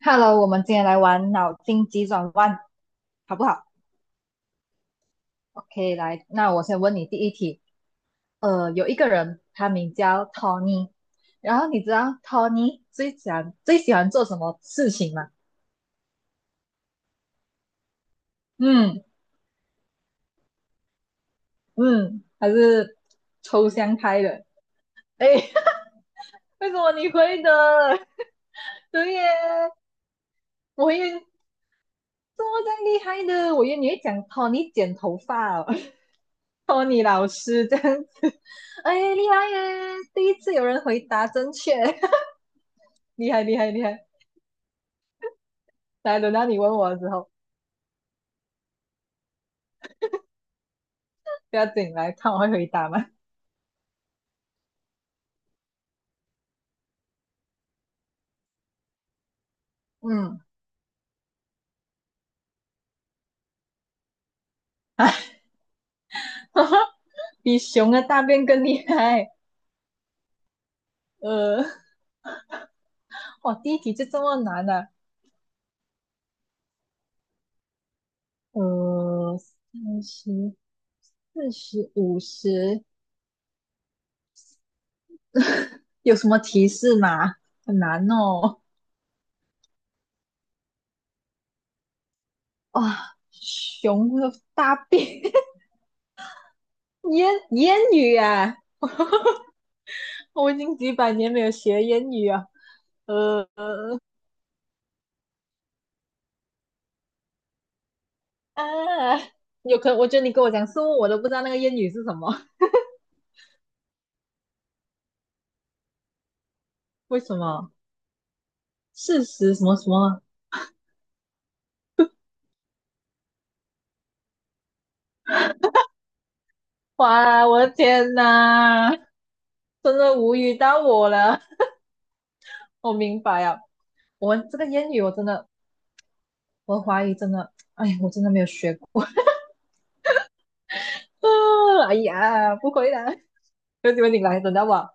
Hello，我们今天来玩脑筋急转弯，好不好？OK，来，那我先问你第一题。有一个人，他名叫 Tony，然后你知道 Tony 最喜欢做什么事情吗？嗯嗯，他是抽象派的。哎，为什么你会的？对耶，我也为这么这样厉害的，我以为你会讲 Tony 剪头发哦。托尼老师这样子，哎，厉害耶！第一次有人回答正确，厉害厉害厉害！来，轮到你问我的时候，不要紧，来看我会回答吗？嗯，哎，比熊的大便更厉害。呃，哇，第一题就这么难呢？三十、四十、五十，有什么提示吗？很难哦。哇，熊的大便，烟烟雨啊！我已经几百年没有学烟语啊，呃啊，有可能我觉得你跟我讲物，我都不知道那个烟语是什么，为什么？事实什么什么？哇，我的天呐，真的无语到我了。我明白啊，我这个烟语我真的，我怀疑真的，哎呀，我真的没有学过。啊哎呀，不会啦，有机会你来，等到我。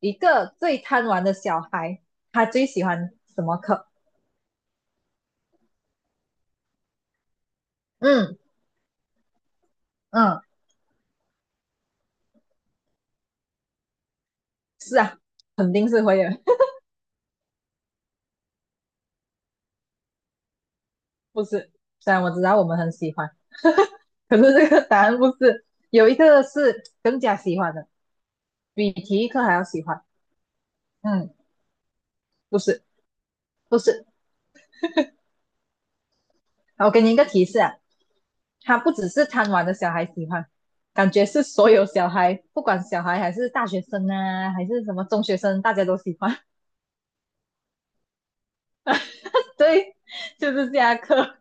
一个最贪玩的小孩，他最喜欢什么课？嗯嗯，是啊，肯定是会的。不是，虽然我知道我们很喜欢，可是这个答案不是。有一个是更加喜欢的，比体育课还要喜欢。嗯，不是，不是。好我给你一个提示啊，他不只是贪玩的小孩喜欢，感觉是所有小孩，不管小孩还是大学生啊，还是什么中学生，大家都喜欢。对，就是下课。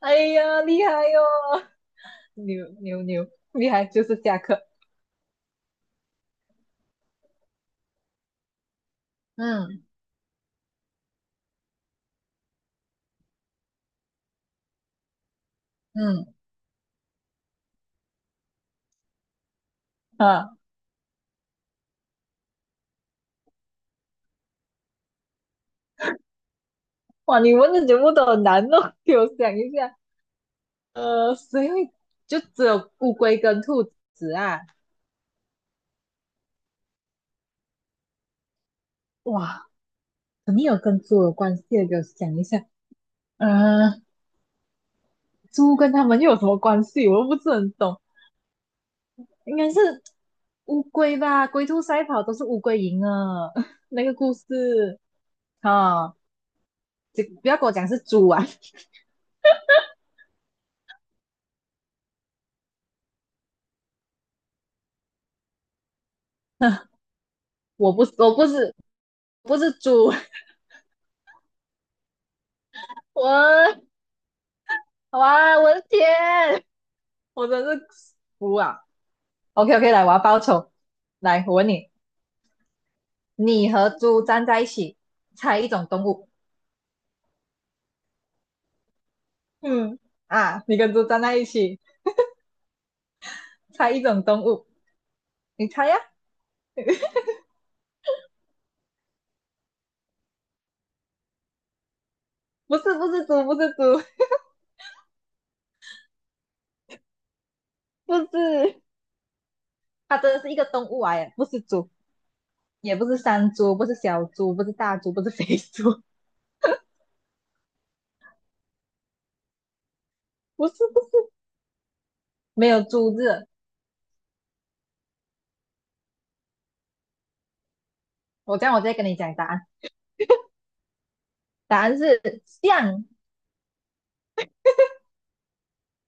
哎呀，厉害哟、哦牛牛牛，厉害，就是下课。嗯嗯啊。哇，你问的节目都很难哦，给我想一下。谁会就只有乌龟跟兔子啊？哇，肯定有跟猪有关系的，给我想一下。呃，猪跟它们又有什么关系？我又不是很懂。应该是乌龟吧？龟兔赛跑都是乌龟赢了，那个故事啊，就不要跟我讲是猪啊！我不，是，我不是，不是猪，我哇，我的天，我真是服啊！OK OK，来，我要报仇。来，我问你，你和猪站在一起，猜一种动物。嗯，啊，你跟猪站在一起，猜一种动物。你猜呀、不是，不是猪，不是猪，不是，它真的是一个动物啊，耶，不是猪，也不是山猪，不是小猪，不是大猪，不是肥猪，不是，不是，没有猪字。我这样，我再跟你讲答案。答案是象，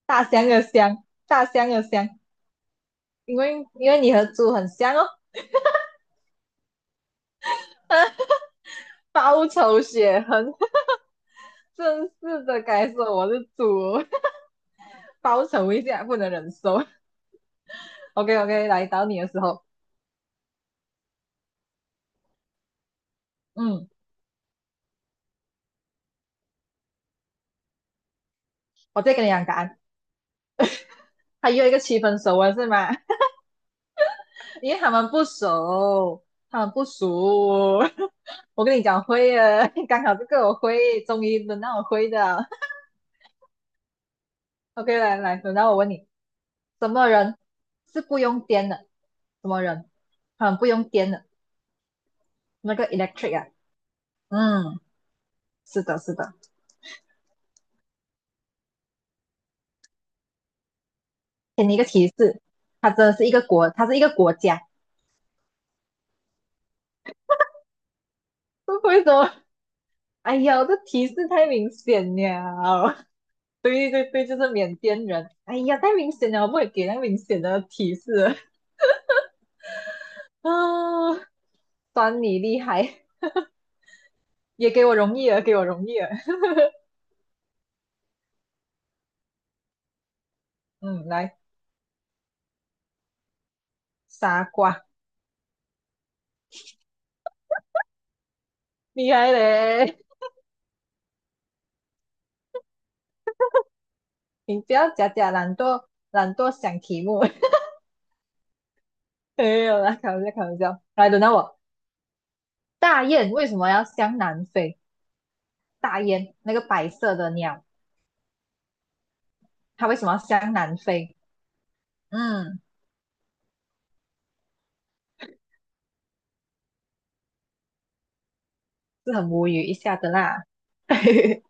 大象的象，大象的象，因为你和猪很像哦。报仇雪恨。真是的该说我是猪，报成一下不能忍受。OK OK，来找你的时候，嗯，我再跟你讲答案。他约一个七分熟了是吗？因为他们不熟，他们不熟。我跟你讲会了，刚好这个我会，终于轮到我会的 OK，来来，轮到我问你，什么人是不用电的？什么人？很不用电的那个 electric 啊，嗯，是的，是的，给你一个提示，它真的是一个国，它是一个国家。为什么？哎呀，这提示太明显了。对对对，就是缅甸人。哎呀，太明显了，我不会给那明显的提示了 啊，算你厉害，也给我容易了，给我容易了。嗯，来，傻瓜，厉害嘞！你不要假假懒惰，懒惰想题目。没有啦，开玩笑，开玩笑。来，轮到我。大雁为什么要向南飞？大雁那个白色的鸟，它为什么要向南飞？嗯。是很无语一下的啦。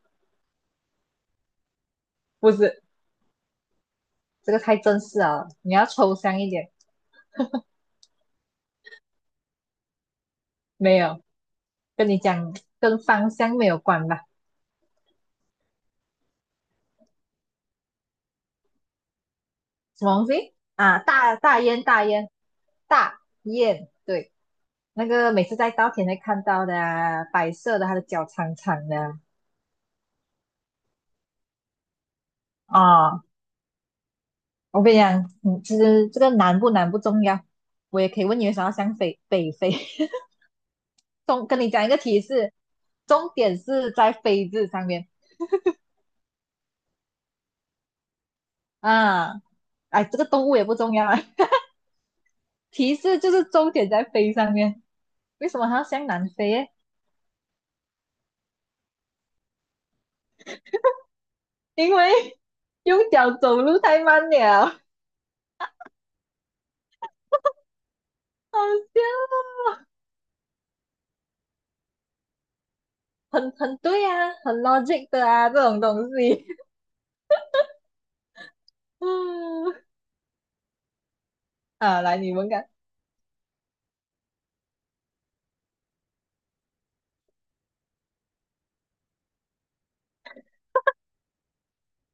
不是，这个太正式啊，你要抽象一点。没有，跟你讲，跟芳香没有关吧？什么东西啊？大大雁，大雁，大雁，对，那个每次在稻田会看到的啊白色的，它的脚长长的啊。哦我跟你讲，嗯，其实这个难不难不重要，我也可以问你为什么要想北北飞。中跟你讲一个提示，重点是在“飞”字上面啊。哎，这个动物也不重要啊。提示就是重点在飞上面，为什么它要向南飞耶？因为 用脚走路太慢了，好笑，很很对啊，很 logic 的啊，这种东西。嗯，啊，来你们看，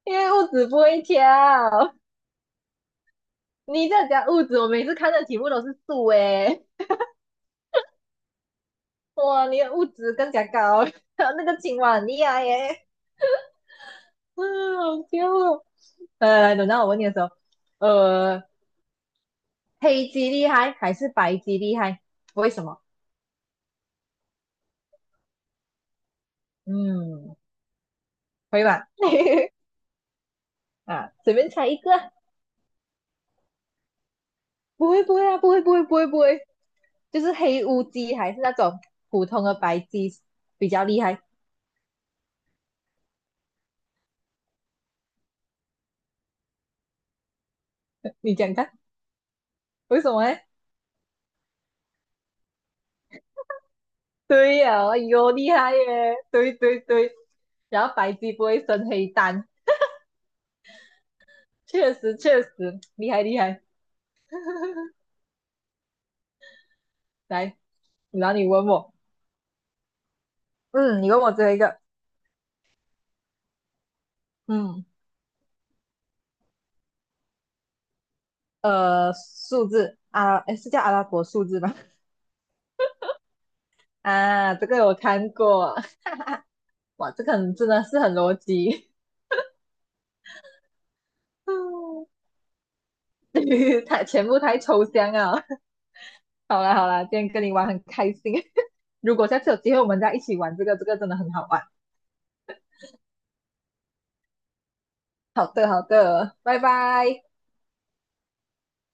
因为物质不会跳。你在讲物质，我每次看的题目都是数诶，哇，你的物质更加高，还有那个青蛙很厉害耶，嗯，好笑哦来，等到我问你的时候，呃，黑鸡厉害还是白鸡厉害？为什么？嗯，会吧？啊，随便猜一个啊不会不会啊，不会不会不会不会，就是黑乌鸡还是那种普通的白鸡比较厉害？你讲看，为什么呢？对呀、啊哎呦厉害耶！对对对，然后白鸡不会生黑蛋，确实确实厉害厉害。来，然后你问我，嗯，你问我最后一个，嗯，数字啊，诶是叫阿拉伯数字吧？啊，这个我看过，哇，这个很真的是很逻辑，太全部太抽象啊。好啦好啦，今天跟你玩很开心，如果下次有机会我们再一起玩这个，这个真的很好玩。好的好的，拜拜。